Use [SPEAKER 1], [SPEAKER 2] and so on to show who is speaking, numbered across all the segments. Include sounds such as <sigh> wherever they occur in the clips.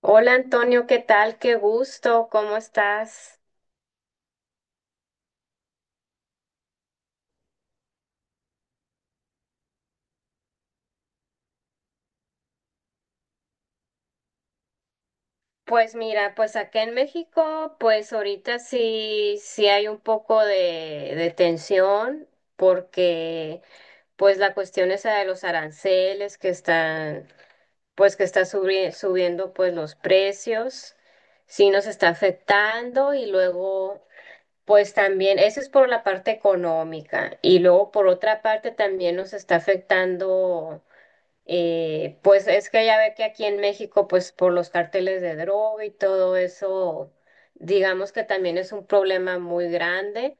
[SPEAKER 1] Hola Antonio, ¿qué tal? Qué gusto, ¿cómo estás? Pues mira, pues acá en México, pues ahorita sí, sí hay un poco de tensión porque pues la cuestión esa de los aranceles que están, pues que está subiendo pues los precios, sí nos está afectando y luego pues también, eso es por la parte económica y luego por otra parte también nos está afectando. Pues es que ya ve que aquí en México, pues por los carteles de droga y todo eso, digamos que también es un problema muy grande.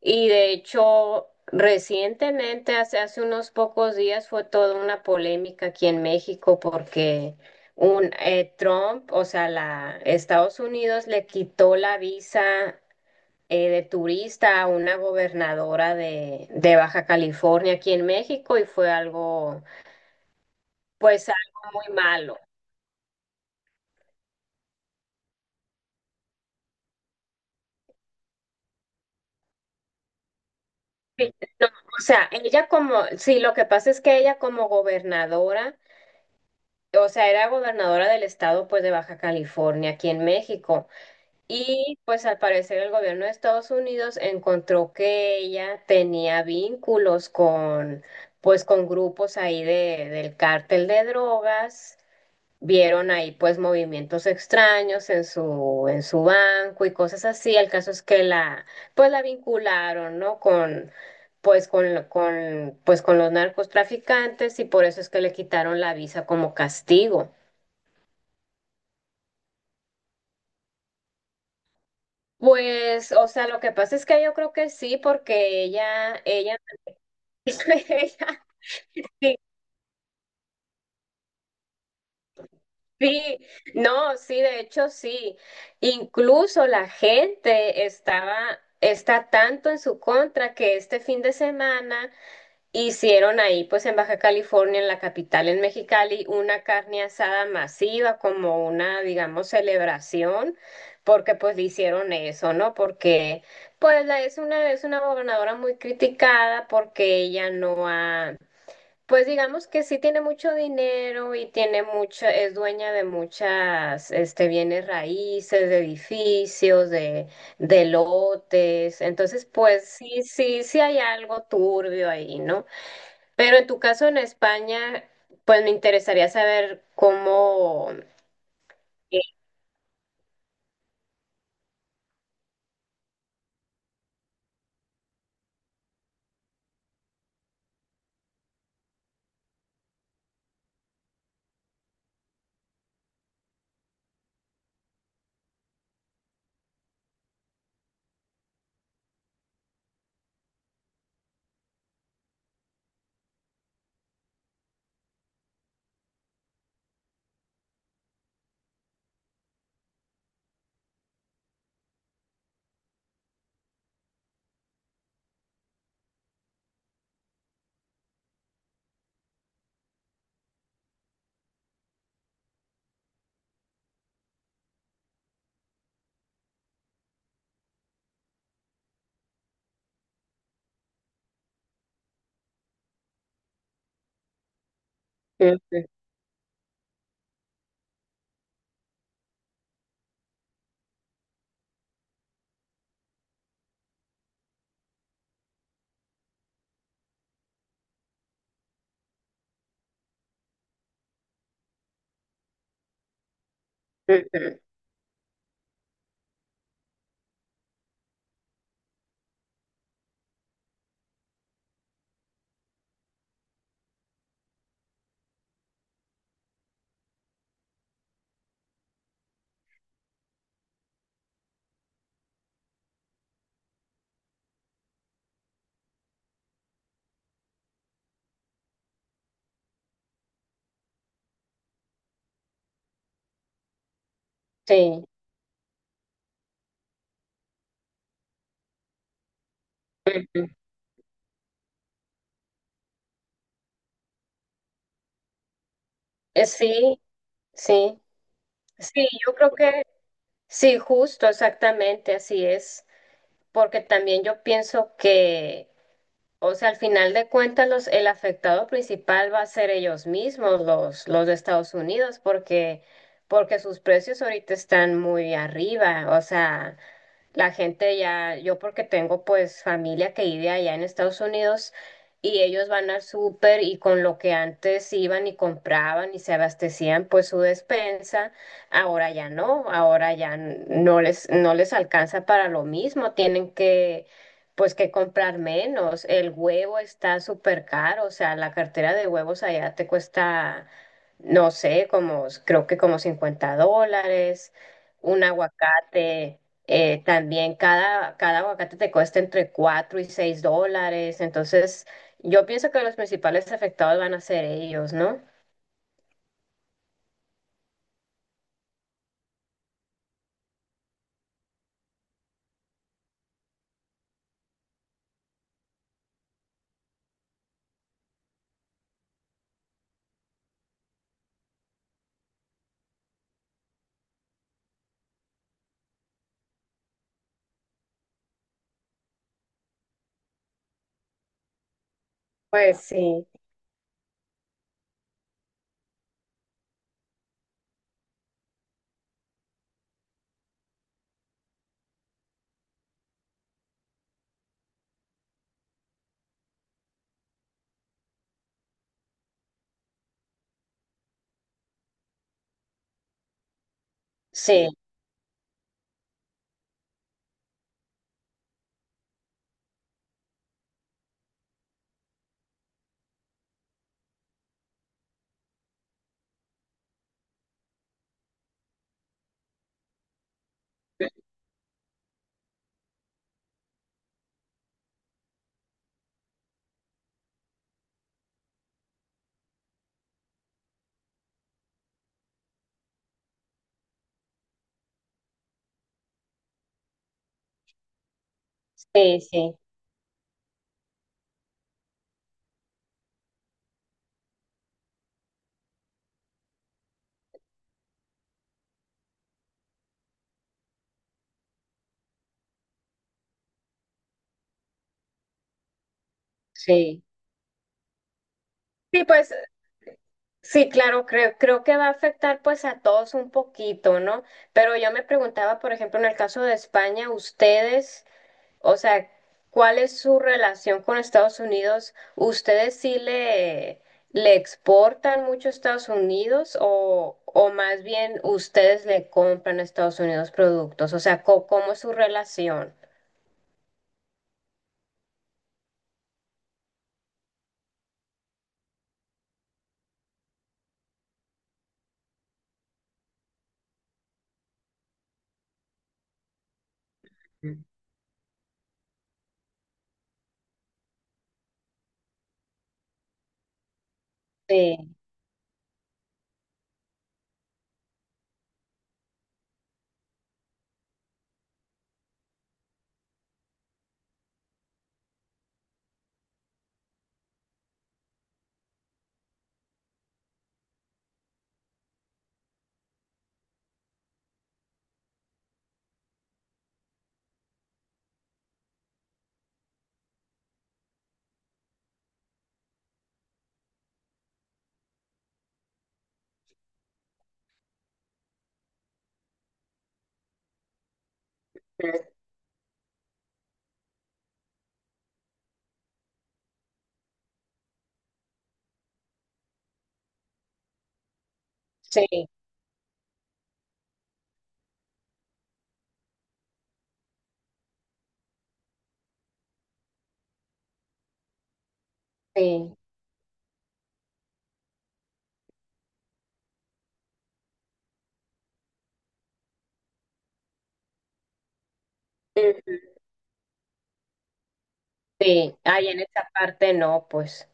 [SPEAKER 1] Y de hecho, recientemente, hace unos pocos días, fue toda una polémica aquí en México porque un Trump, o sea, la Estados Unidos le quitó la visa, de turista a una gobernadora de, Baja California aquí en México, y fue algo, pues algo muy malo. Sí, no, o sea, ella como, sí, lo que pasa es que ella, como gobernadora, o sea, era gobernadora del estado, pues de Baja California, aquí en México, y pues al parecer el gobierno de Estados Unidos encontró que ella tenía vínculos con, pues con grupos ahí del cártel de drogas. Vieron ahí pues movimientos extraños en su banco y cosas así. El caso es que la, pues la vincularon, ¿no? Con, pues con, con, pues con los narcotraficantes, y por eso es que le quitaron la visa como castigo. Pues, o sea, lo que pasa es que yo creo que sí, porque ella, <laughs> ella. Sí, no, sí, de hecho sí. Incluso la gente estaba, está tanto en su contra que este fin de semana hicieron ahí, pues en Baja California, en la capital, en Mexicali, una carne asada masiva, como una, digamos, celebración, porque pues le hicieron eso, ¿no? Porque pues la, es una, gobernadora muy criticada, porque ella no ha, pues digamos que sí tiene mucho dinero y tiene mucho, es dueña de muchas, bienes raíces, de edificios, de lotes. Entonces, pues sí, sí, sí hay algo turbio ahí, ¿no? Pero en tu caso en España, pues me interesaría saber cómo. Sí, ujú, ujú, sí, ujú. Sí, sí, sí, yo creo que sí, justo, exactamente, así es, porque también yo pienso que, o sea, al final de cuentas, los, el afectado principal va a ser ellos mismos, los, de Estados Unidos, porque sus precios ahorita están muy arriba. O sea, la gente ya, yo porque tengo pues familia que vive allá en Estados Unidos, y ellos van al súper, y con lo que antes iban y compraban y se abastecían pues su despensa, ahora ya no, ahora ya no les, alcanza para lo mismo, tienen que, pues que comprar menos. El huevo está súper caro, o sea, la cartera de huevos allá te cuesta, no sé, como creo que como $50. Un aguacate, también cada aguacate te cuesta entre $4 y $6, entonces yo pienso que los principales afectados van a ser ellos, ¿no? Pues sí. Sí, sí, sí, sí. Sí, pues sí, claro, creo que va a afectar pues a todos un poquito, ¿no? Pero yo me preguntaba, por ejemplo, en el caso de España, ustedes, o sea, ¿cuál es su relación con Estados Unidos? ¿Ustedes sí le, exportan mucho a Estados Unidos, o más bien ustedes le compran a Estados Unidos productos? O sea, ¿cómo es su relación? Mm. Sí, mm, sí, sí. Ujú. Sí, ahí en esa parte no, pues.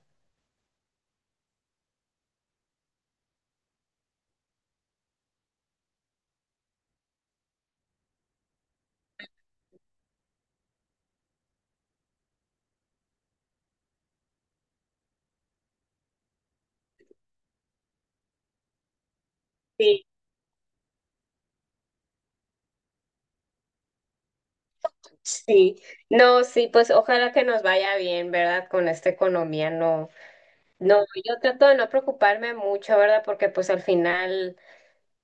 [SPEAKER 1] Sí, sí. No, sí, pues ojalá que nos vaya bien, ¿verdad? Con esta economía, no. No, yo trato de no preocuparme mucho, ¿verdad? Porque pues al final,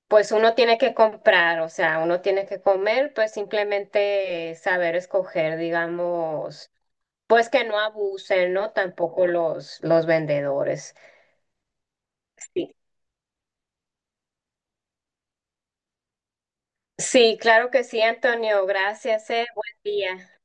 [SPEAKER 1] pues uno tiene que comprar, o sea, uno tiene que comer, pues simplemente saber escoger, digamos, pues que no abusen, ¿no? Tampoco los, vendedores. Sí. Sí, claro que sí, Antonio. Gracias. Buen día.